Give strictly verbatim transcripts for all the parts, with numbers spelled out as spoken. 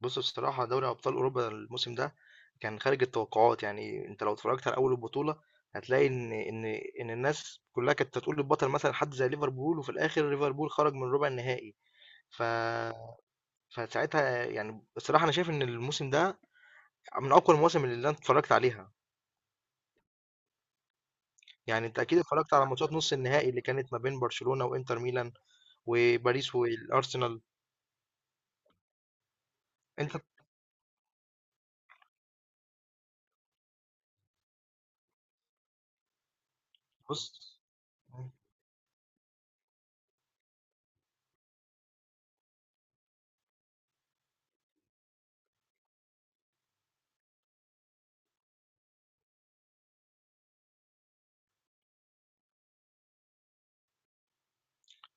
بُص بصراحة دوري أبطال أوروبا الموسم ده كان خارج التوقعات، يعني أنت لو اتفرجت على أول البطولة هتلاقي إن إن إن الناس كلّها كانت هتقول البطل مثلًا حد زي ليفربول، وفي الآخر ليفربول خرج من ربع النهائي. ف فساعتها يعني بصراحة أنا شايف إن الموسم ده من أقوى المواسم اللي أنا اتفرجت عليها، يعني أنت أكيد اتفرجت على ماتشات نُص النهائي اللي كانت ما بين برشلونة وإنتر ميلان، وباريس والأرسنال. أنت بُص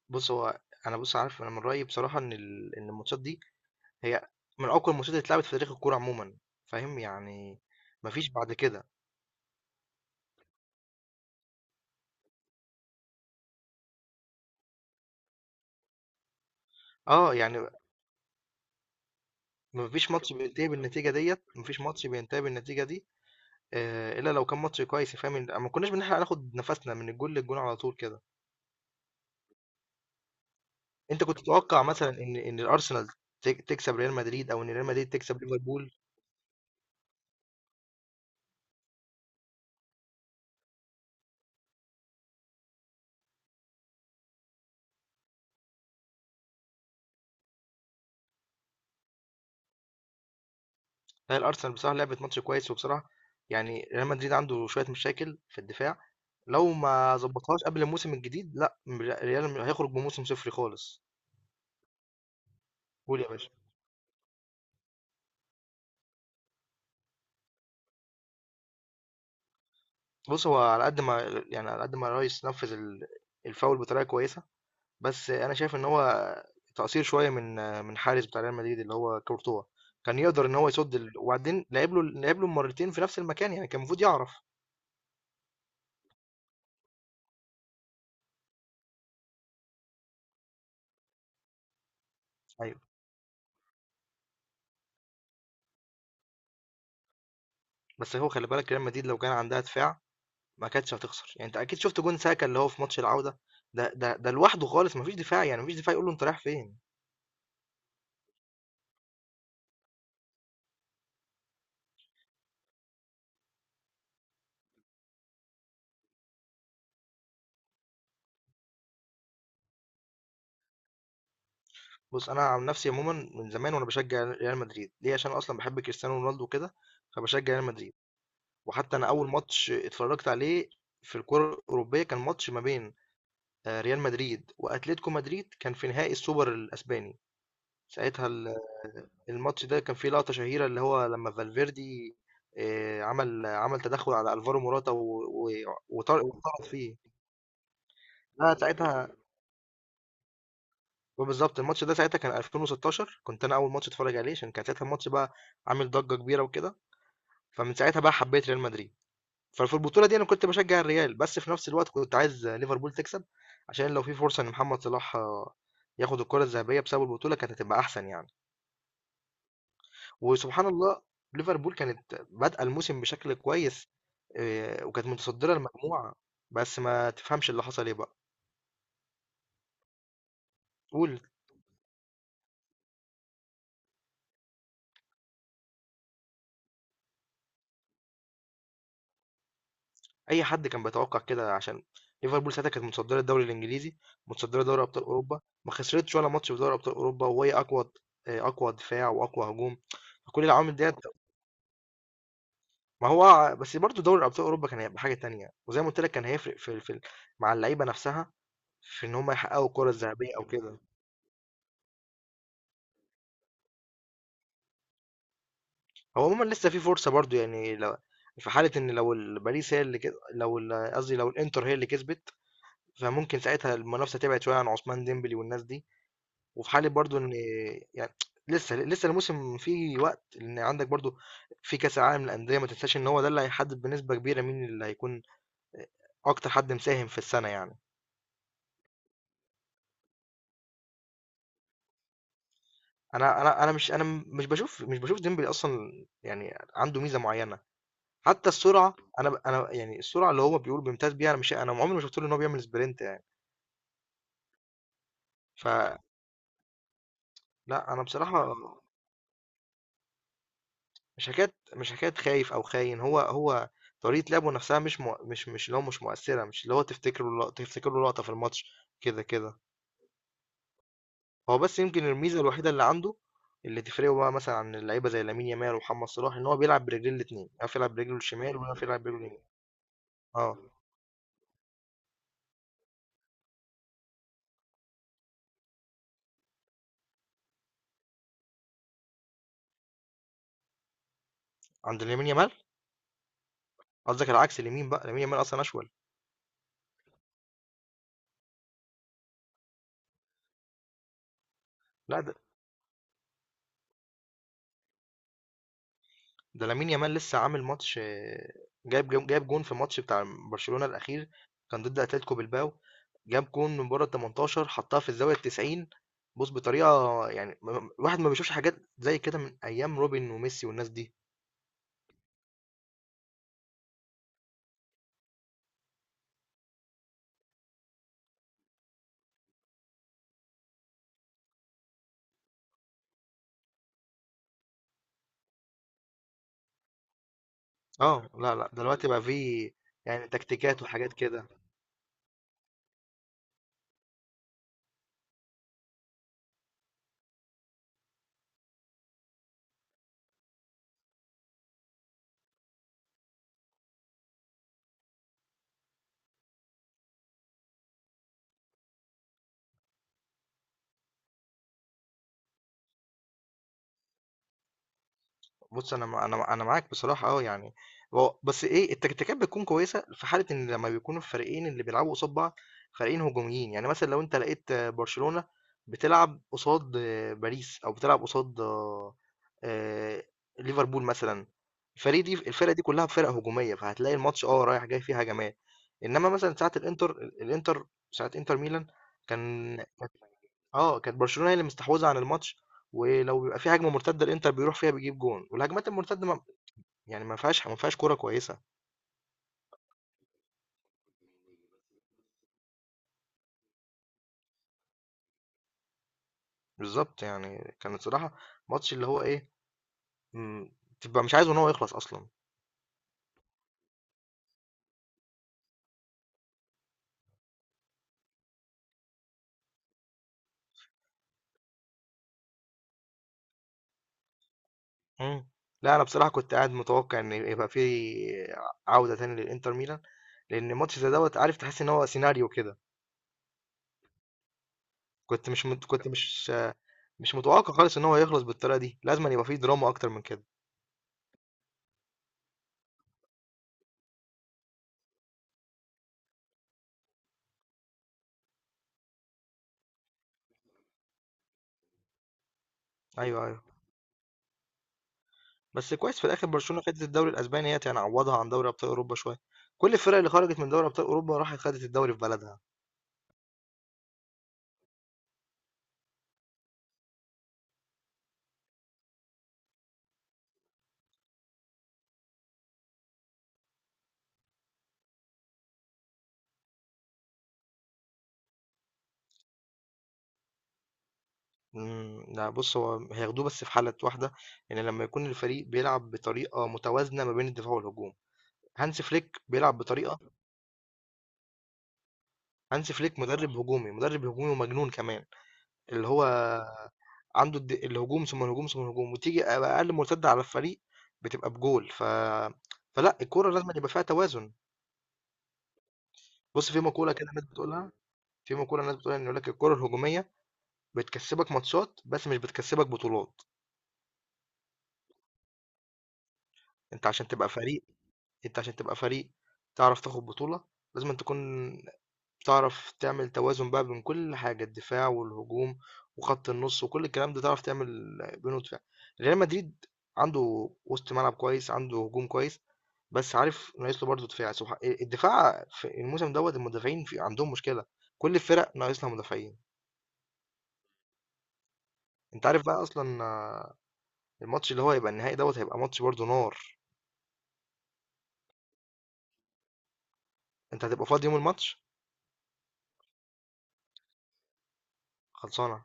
بُص هو أنا بُص عارف أنا من رأيي بصراحة إن ال إن الماتشات دي هي من أقوى الماتشات اللي اتلعبت في تاريخ الكورة عمومًا، فاهم؟ يعني ما فيش بعد كده. آه، يعني ما فيش ماتش بينتهي بالنتيجة ديّة، ما فيش ماتش بينتهي بالنتيجة دي آآ، إلا لو كان ماتش كويس، فاهم؟ ال ما كناش بنلحق ناخد نفسنا من الجون للجون على طول كده. أنت كنت تتوقع مثلًا إن إن الأرسنال ت تكسب ريال مدريد أو إن ريال مدريد تكسب ليفربول؟ لا الأرسنال بصراحة لعبت ماتش كويس، وبصراحة يعني ريال مدريد عنده شوية مشاكل في الدفاع، لو ما ضبطهاش قبل الموسم الجديد لأ، م ريال هيخرج بموسم صفري خالص. قُل يا باشا. بص هو على قد ما يعني على قد ما الريس نفذ ال- الفاول بطريقه كويسه، بس انا شايف ان هو تقصير شويه من من حارس بتاع ريال مدريد اللي هو كورتوا، كان يقدر ان هو يصد ال... وبعدين لعب له لعب له مرتين في نفس المكان، يعني كان المفروض يعرف. ايوه، بس هو خلي بالك ريال مدريد لو كان عندها دفاع ما كانتش هتخسر، يعني انت اكيد شفت جون ساكا اللي هو في ماتش العوده، ده ده ده لوحده خالص، ما فيش دفاع، يعني ما فيش دفاع يقول له انت رايح فين. بص انا عن نفسي عموما من زمان وانا بشجع ريال مدريد، ليه؟ عشان أنا اصلا بحب كريستيانو رونالدو كده، فبشجع ريال مدريد. وحتى انا اول ماتش اتفرجت عليه في الكرة الأوروبية كان ماتش ما بين آه، ريال مدريد وأتلتيكو مدريد، كان في نهائي السوبر الأسباني. ساعتها ال- الماتش ده كان فيه لقطة شهيرة، اللي هو لما فالفيردي آه، عمل عمل تدخل على ألفارو موراتا و- و- وطار- وطرد فيه. لا ساعتها بالظبط الماتش ده ساعتها كان ألفين وستاشر، كنت انا اول ماتش اتفرج عليه، عشان كان ساعتها الماتش بقى عامل ضجة كبيرة وكده، فمن ساعتها بقى حبيت ريال مدريد. ففي البطولة دي أنا كنت باشجع الريال، بس في نفس الوقت كنت عايز ليفربول تكسب، عشان لو في فرصة إن محمد صلاح آه، ياخد الكرة الذهبية بسبب البطولة كانت هتبقى أحسن يعني. وسبحان الله، ليفربول كانت بادئة الموسم بشكل كويس، آه، وكانت متصدرة المجموعة، بس ما تفهمش اللي حصل إيه بقى. قول. أي حد كان بيتوقع كده، عشان ليفربول ساعتها كانت متصدرة الدوري الإنجليزي، متصدرة دوري أبطال أوروبا، ما خسرتش ولا ماتش في دوري أبطال أوروبا، وهي أقوى آه، أقوى دفاع وأقوى هجوم. فكل العوامل ديت، ما هو بس برضه دوري ابطال اوروبا كان هيبقى حاجه تانية، وزي ما قلت لك كان هيفرق في, في مع اللعيبه نفسها، في ان هم يحققوا الكره الذهبيه او كده. هو عموما لسه في فرصه برضه، يعني لو في حاله ان لو ال- باريس هي اللي كده، لو ال- قصدي لو الانتر هي اللي كسبت، فممكن ساعتها المنافسه تبعد شويه عن عثمان ديمبلي والناس دي. وفي حاله برضه ان يعني لسه لسه الموسم فيه وقت، لان عندك برضه في كاس العالم للانديه، ما تنساش ان هو ده اللي هيحدد بنسبه كبيره مين اللي هيكون اكتر حد مساهم في السنه يعني. انا انا انا مش انا مش بشوف مش بشوف ديمبلي اصلا، يعني عنده ميزه معينه. حتى السرعه، انا ب- انا يعني السرعه اللي هو بيقول بيمتاز بيها، انا مش انا عمري ما شفت له ان هو بيعمل سبرنت يعني. فلا انا بصراحه مش حكايه مش حكايه خايف او خاين. هو هو طريقه لعبه نفسها مش مو مش مش اللي هو مش مؤثره، مش اللي هو تفتكر له لق- تفتكر له لقطه في الماتش كده كده. هو بس يمكن الميزه الوحيده اللي عنده، اللي تفرقه بقى مثلا عن اللعيبه زي لامين يامال ومحمد صلاح، ان هو بيلعب برجلين الاثنين، يعرف يلعب برجله الشمال ويعرف يلعب برجله اليمين. اه، عند لامين يامال قصدك العكس، اليمين بقى لامين يامال اصلا اشول. لا ده, ده لامين يامال لسه عامل ماتش، آه، جايب جو- جايب جون في ماتش بتاع برشلونة الاخير، كان ضد اتلتيكو بلباو. جاب جون من بره ال التمنتاشر، حطها في الزاويه ال التسعين. بص بطريقه يعني، م- م- الواحد ما بيشوفش حاجات زي كده من ايام روبن وميسي والناس دي. اه لا لا، دلوقتي بقى في، يعني تكتيكات وحاجات كده. بُص، أنا مع أنا مع أنا معاك بصراحة، آه، يعني هو بس إيه، التكتيكات بتكون كويسة في حالة إن لمّا بيكونوا الفريقين اللي بيلعبوا قصاد بعض فريقين هجوميين. يعني مثلًا لو أنت لقيت آه، برشلونة بتلعب قصاد آه، باريس، أو بتلعب قصاد آآ ليفربول مثلًا، الفريق دي الفرق دي كلها فرق هجومية، فهتلاقي الماتش آه رايح جاي فيه هجمات. إنما مثلًا ساعة الإنتر الإنتر ساعة إنتر ميلان، كان كانت آه، كانت برشلونة هي اللي مستحوذة عن الماتش، ولو بيبقى في هجمة مرتدة الإنتر بيروح فيها بيجيب جون، والهجمات المرتدة ما يعني ما فيهاش ما فيهاش كورة كويسة. بالضبط، يعني كان الصراحة ماتش اللي هو إيه، إمم، تبقى مش عايزه إن هو يخلص أصلًا. إمم، لأ أنا بصراحة كنت قاعد متوقع إن يبقى في عودة تاني للإنتر ميلان، لان ماتش زي دوت عارف تحس ان هو سيناريو كده. كنت مش مت... كنت مش مش متوقع خالص ان هو يخلص بالطريقه دي، لازم أن يبقى فيه دراما اكتر من كده. ايوه، ايوه. بس كويس في الاخر برشلونه خدت الدوري الاسباني، هي يعني عوضها عن دوري ابطال اوروبا شويه. كل الفرق اللي خرجت من دوري ابطال اوروبا راحت خدت الدوري في بلدها. امم، لا، بص هو هياخدوه بس في حاله واحده، ان لما يكون الفريق بيلعب بطريقه متوازنه ما بين الدفاع والهجوم. هانس فليك بيلعب بطريقه، هانس فليك مدرب هجومي، مدرب هجومي ومجنون كمان، اللي هو عنده الد الهجوم، ثم الهجوم، ثم الهجوم، وتيجي أ أقل مرتدة على الفريق بتبقى بجول. ف فلأ الكورة لازمًا يبقى فيها توازن. بُص، في مقولة كده الناس بتقولها، في مقولة الناس بتقولها إن يقول لك الكورة الهجومية بتكسبك ماتشات، بس مش بتكسبك بطولات. أنت عشان تبقى فريق أنت عشان تبقى فريق تعرف تاخد بطولة لازمًا تكون تعرف تعمل توازن بقى بين كل حاجة، الدفاع والهجوم وخط النص وكل الكلام ده، تعرف تعمل بينه دفاع. ريال مدريد عنده وسط ملعب كويس، عنده هجوم كويس، بس عارف ناقص له برضه دفاع. سبحان الدفاع في الموسم دوت، المدافعين في عندهم مشكلة، كل الفرق ناقص لها مدافعين. انت عارف بقى اصلا، آه، الماتش اللي هو هيبقى النهائي دوت هيبقى ماتش برضه نار. انت هتبقى فاضي يوم الماتش؟ خلصانة،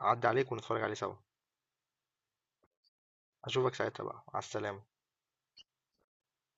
عدى عليك ونتفرج عليه سوا. اشوفك ساعتها بقى، على السلامة.